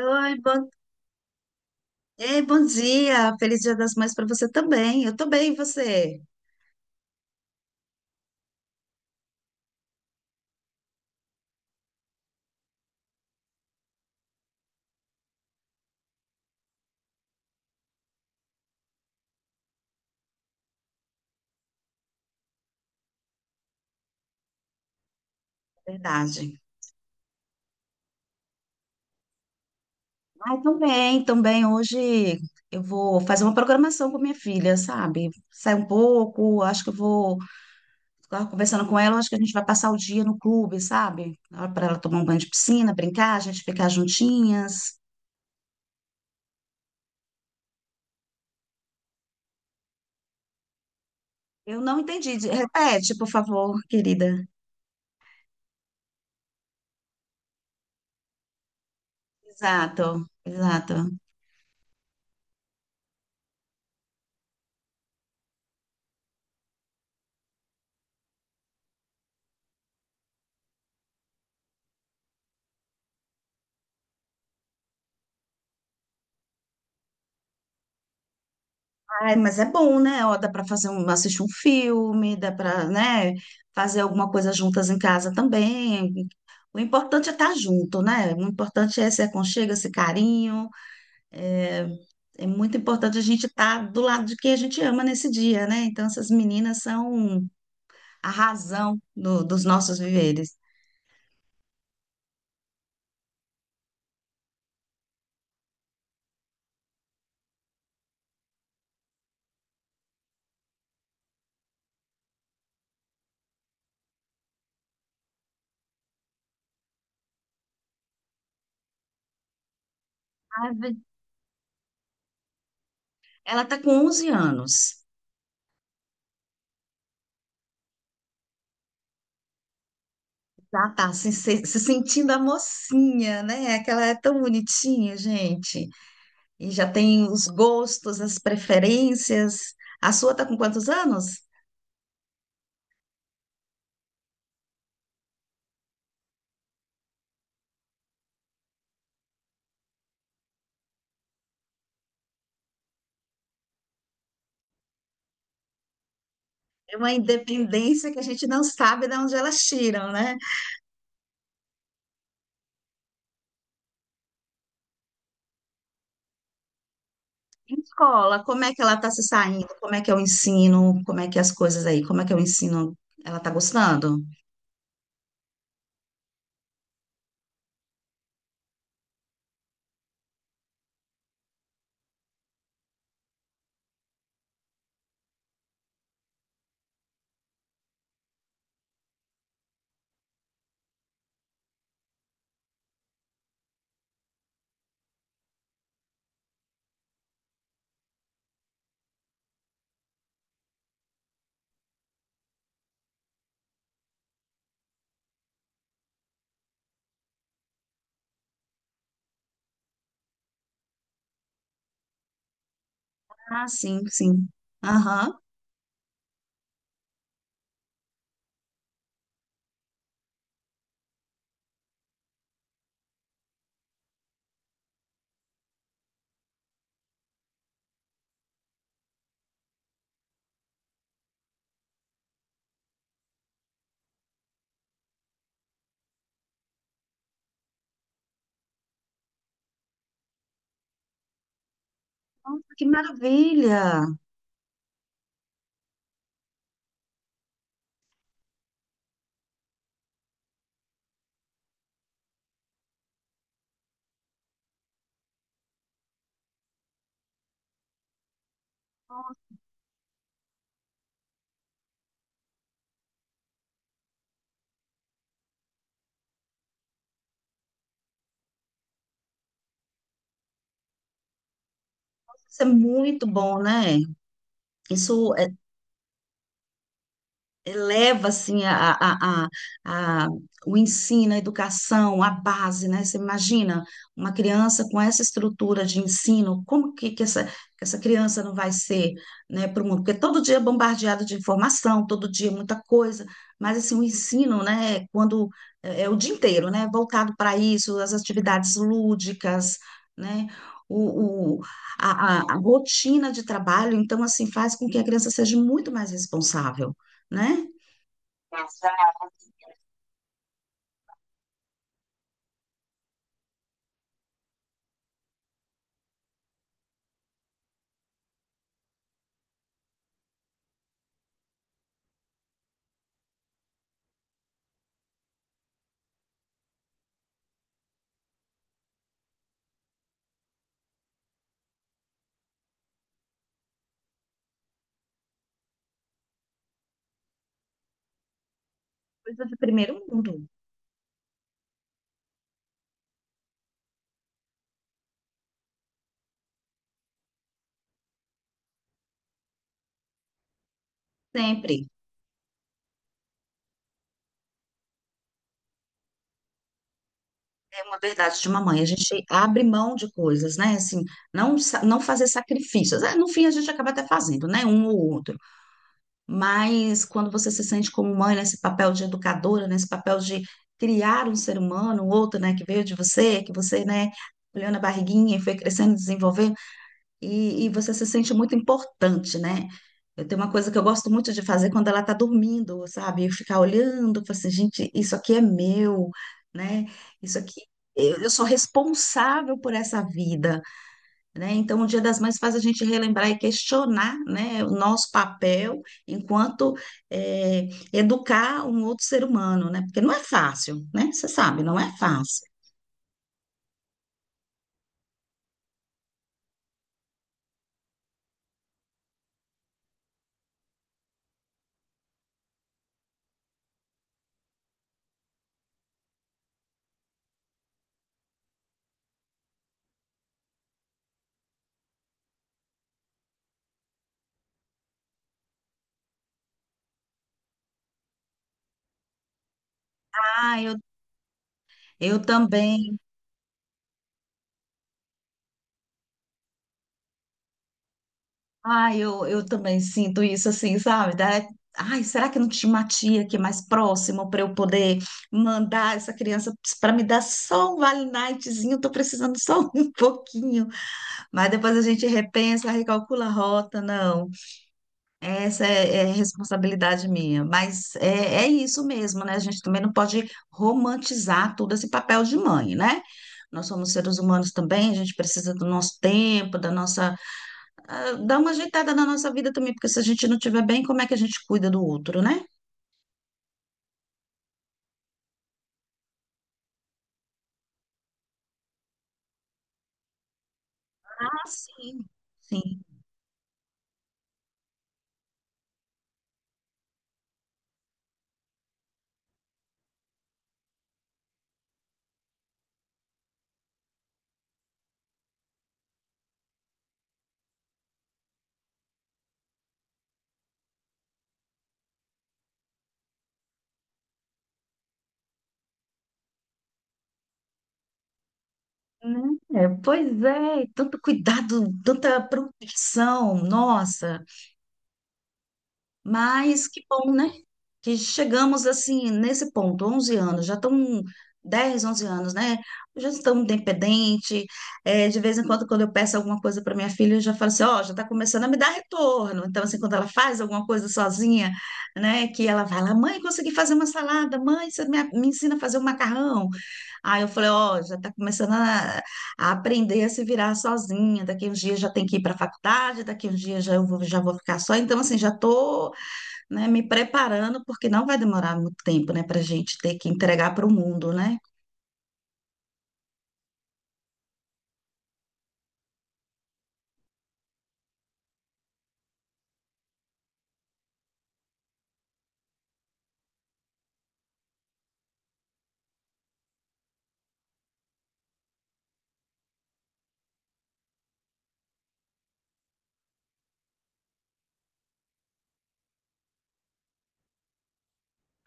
Oi, bom... Ei, bom dia. Feliz Dia das Mães para você também. Eu tô bem, e você? Verdade. Ai, também. Hoje eu vou fazer uma programação com minha filha, sabe? Sair um pouco, acho que eu vou ficar conversando com ela, acho que a gente vai passar o dia no clube, sabe? Para ela tomar um banho de piscina, brincar, a gente ficar juntinhas. Eu não entendi. Repete, por favor, querida. Exato. Ai, mas é bom, né? Ó, dá para fazer um, assistir um filme, dá para, né, fazer alguma coisa juntas em casa também. O importante é estar junto, né? O importante é esse aconchego, esse carinho. É, é muito importante a gente estar do lado de quem a gente ama nesse dia, né? Então, essas meninas são a dos nossos viveres. Ai, ve- Ela tá com 11 anos. Já tá se sentindo a mocinha, né? Aquela é tão bonitinha, gente. E já tem os gostos, as preferências. A sua está com quantos anos? É uma independência que a gente não sabe de onde elas tiram, né? Em escola, como é que ela está se saindo? Como é que é o ensino? Como é que é as coisas aí? Como é que é o ensino? Ela está gostando? Ah, sim, sim. Aham. Nossa, que maravilha! Isso é muito bom, né? Isso é eleva assim a- o ensino, a educação, a base, né? Você imagina uma criança com essa estrutura de ensino, como que essa criança não vai ser, né, para o mundo? Porque todo dia é bombardeado de informação, todo dia é muita coisa, mas assim, o ensino, né, é quando é, é o dia inteiro, né, voltado para isso, as atividades lúdicas, né? O, a rotina de trabalho, então, assim, faz com que a criança seja muito mais responsável, né? Exato. Coisa de primeiro mundo, sempre. É uma verdade de mamãe. A gente abre mão de coisas, né? Assim, não, não fazer sacrifícios. É, no fim, a gente acaba até fazendo, né? Um ou outro. Mas quando você se sente como mãe, nesse papel de educadora, nesse papel de criar um ser humano, um outro, né? Que veio de você, que você, né? Olhou na barriguinha e foi crescendo, desenvolvendo. E você se sente muito importante, né? Eu tenho uma coisa que eu gosto muito de fazer quando ela está dormindo, sabe? Eu ficar olhando, falar assim, gente, isso aqui é meu, né? Isso aqui, eu sou responsável por essa vida, né? Então, o Dia das Mães faz a gente relembrar e questionar, né, o nosso papel enquanto educar um outro ser humano, né? Porque não é fácil, né? Você sabe, não é fácil. Ah, eu também. Ah, eu também sinto isso assim, sabe? Ai, será que não tinha uma tia aqui mais próxima para eu poder mandar essa criança para me dar só um Vale Nightzinho? Tô precisando só um pouquinho. Mas depois a gente repensa, recalcula a rota, não. Essa é, é responsabilidade minha. Mas é, é isso mesmo, né? A gente também não pode romantizar todo esse papel de mãe, né? Nós somos seres humanos também, a gente precisa do nosso tempo, da nossa, dar uma ajeitada na nossa vida também, porque se a gente não estiver bem, como é que a gente cuida do outro, né? Ah, sim. Sim, né? É, pois é, tanto cuidado, tanta proteção, nossa. Mas que bom, né? Que chegamos assim nesse ponto, 11 anos, já estão 10 11 anos, né? Já estão independente. É, de vez em quando, quando eu peço alguma coisa para minha filha, eu já falo assim: ó, já está começando a me dar retorno. Então, assim, quando ela faz alguma coisa sozinha, né, que ela vai lá, mãe, consegui fazer uma salada, mãe, você me ensina a fazer um macarrão. Aí eu falei: ó, já está começando a aprender a se virar sozinha. Daqui uns dias já tem que ir para a faculdade, daqui uns dias já, eu vou, já vou ficar só. Então, assim, já estou né, me preparando, porque não vai demorar muito tempo, né, para a gente ter que entregar para o mundo, né?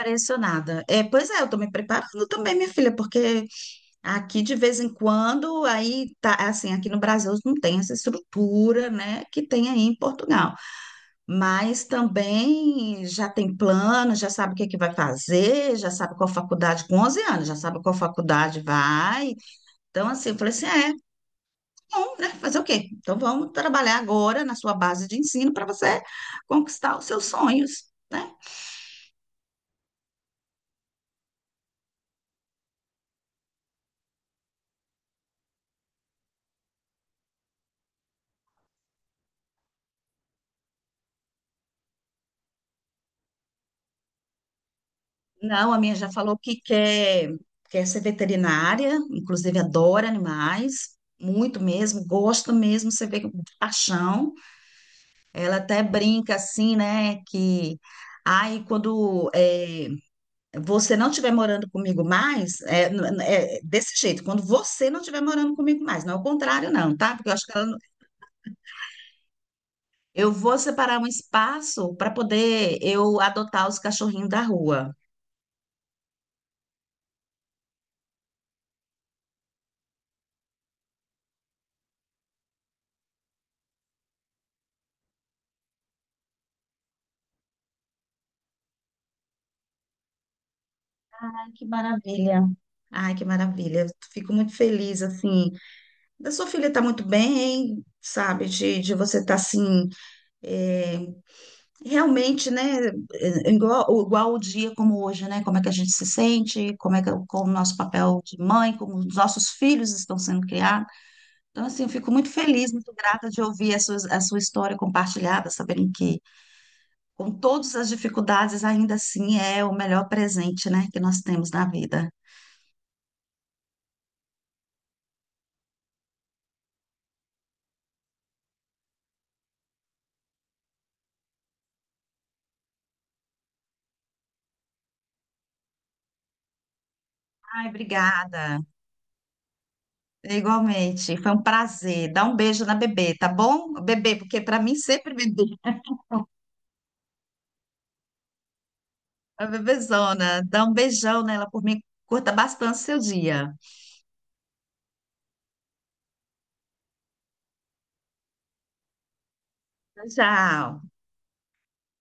Impressionada. É, pois é, eu tô me preparando também, minha filha, porque aqui de vez em quando, aí tá assim, aqui no Brasil não tem essa estrutura, né, que tem aí em Portugal. Mas também já tem plano, já sabe o que é que vai fazer, já sabe qual faculdade, com 11 anos, já sabe qual faculdade vai. Então, assim, eu falei assim, é. Bom, né? Fazer o quê? Então vamos trabalhar agora na sua base de ensino para você conquistar os seus sonhos, né? Não, a minha já falou que quer ser veterinária, inclusive adora animais, muito mesmo, gosta mesmo, você vê com paixão. Ela até brinca assim, né? Que aí quando é, você não estiver morando comigo mais, é, é desse jeito, quando você não estiver morando comigo mais, não é o contrário, não, tá? Porque eu acho que ela Eu vou separar um espaço para poder eu adotar os cachorrinhos da rua. Ai, que maravilha. Ai, que maravilha. Eu fico muito feliz, assim. Da sua filha tá muito bem, sabe? De você estar assim, é, realmente, né? É, igual o dia como hoje, né? Como é que a gente se sente, como é que com o nosso papel de mãe, como os nossos filhos estão sendo criados. Então, assim, eu fico muito feliz, muito grata de ouvir a sua história compartilhada, sabendo que com todas as dificuldades, ainda assim é o melhor presente, né, que nós temos na vida. Ai, obrigada. Igualmente, foi um prazer. Dá um beijo na bebê, tá bom? Bebê, porque para mim sempre bebê, a bebezona. Dá um beijão nela por mim. Curta bastante seu dia. Tchau.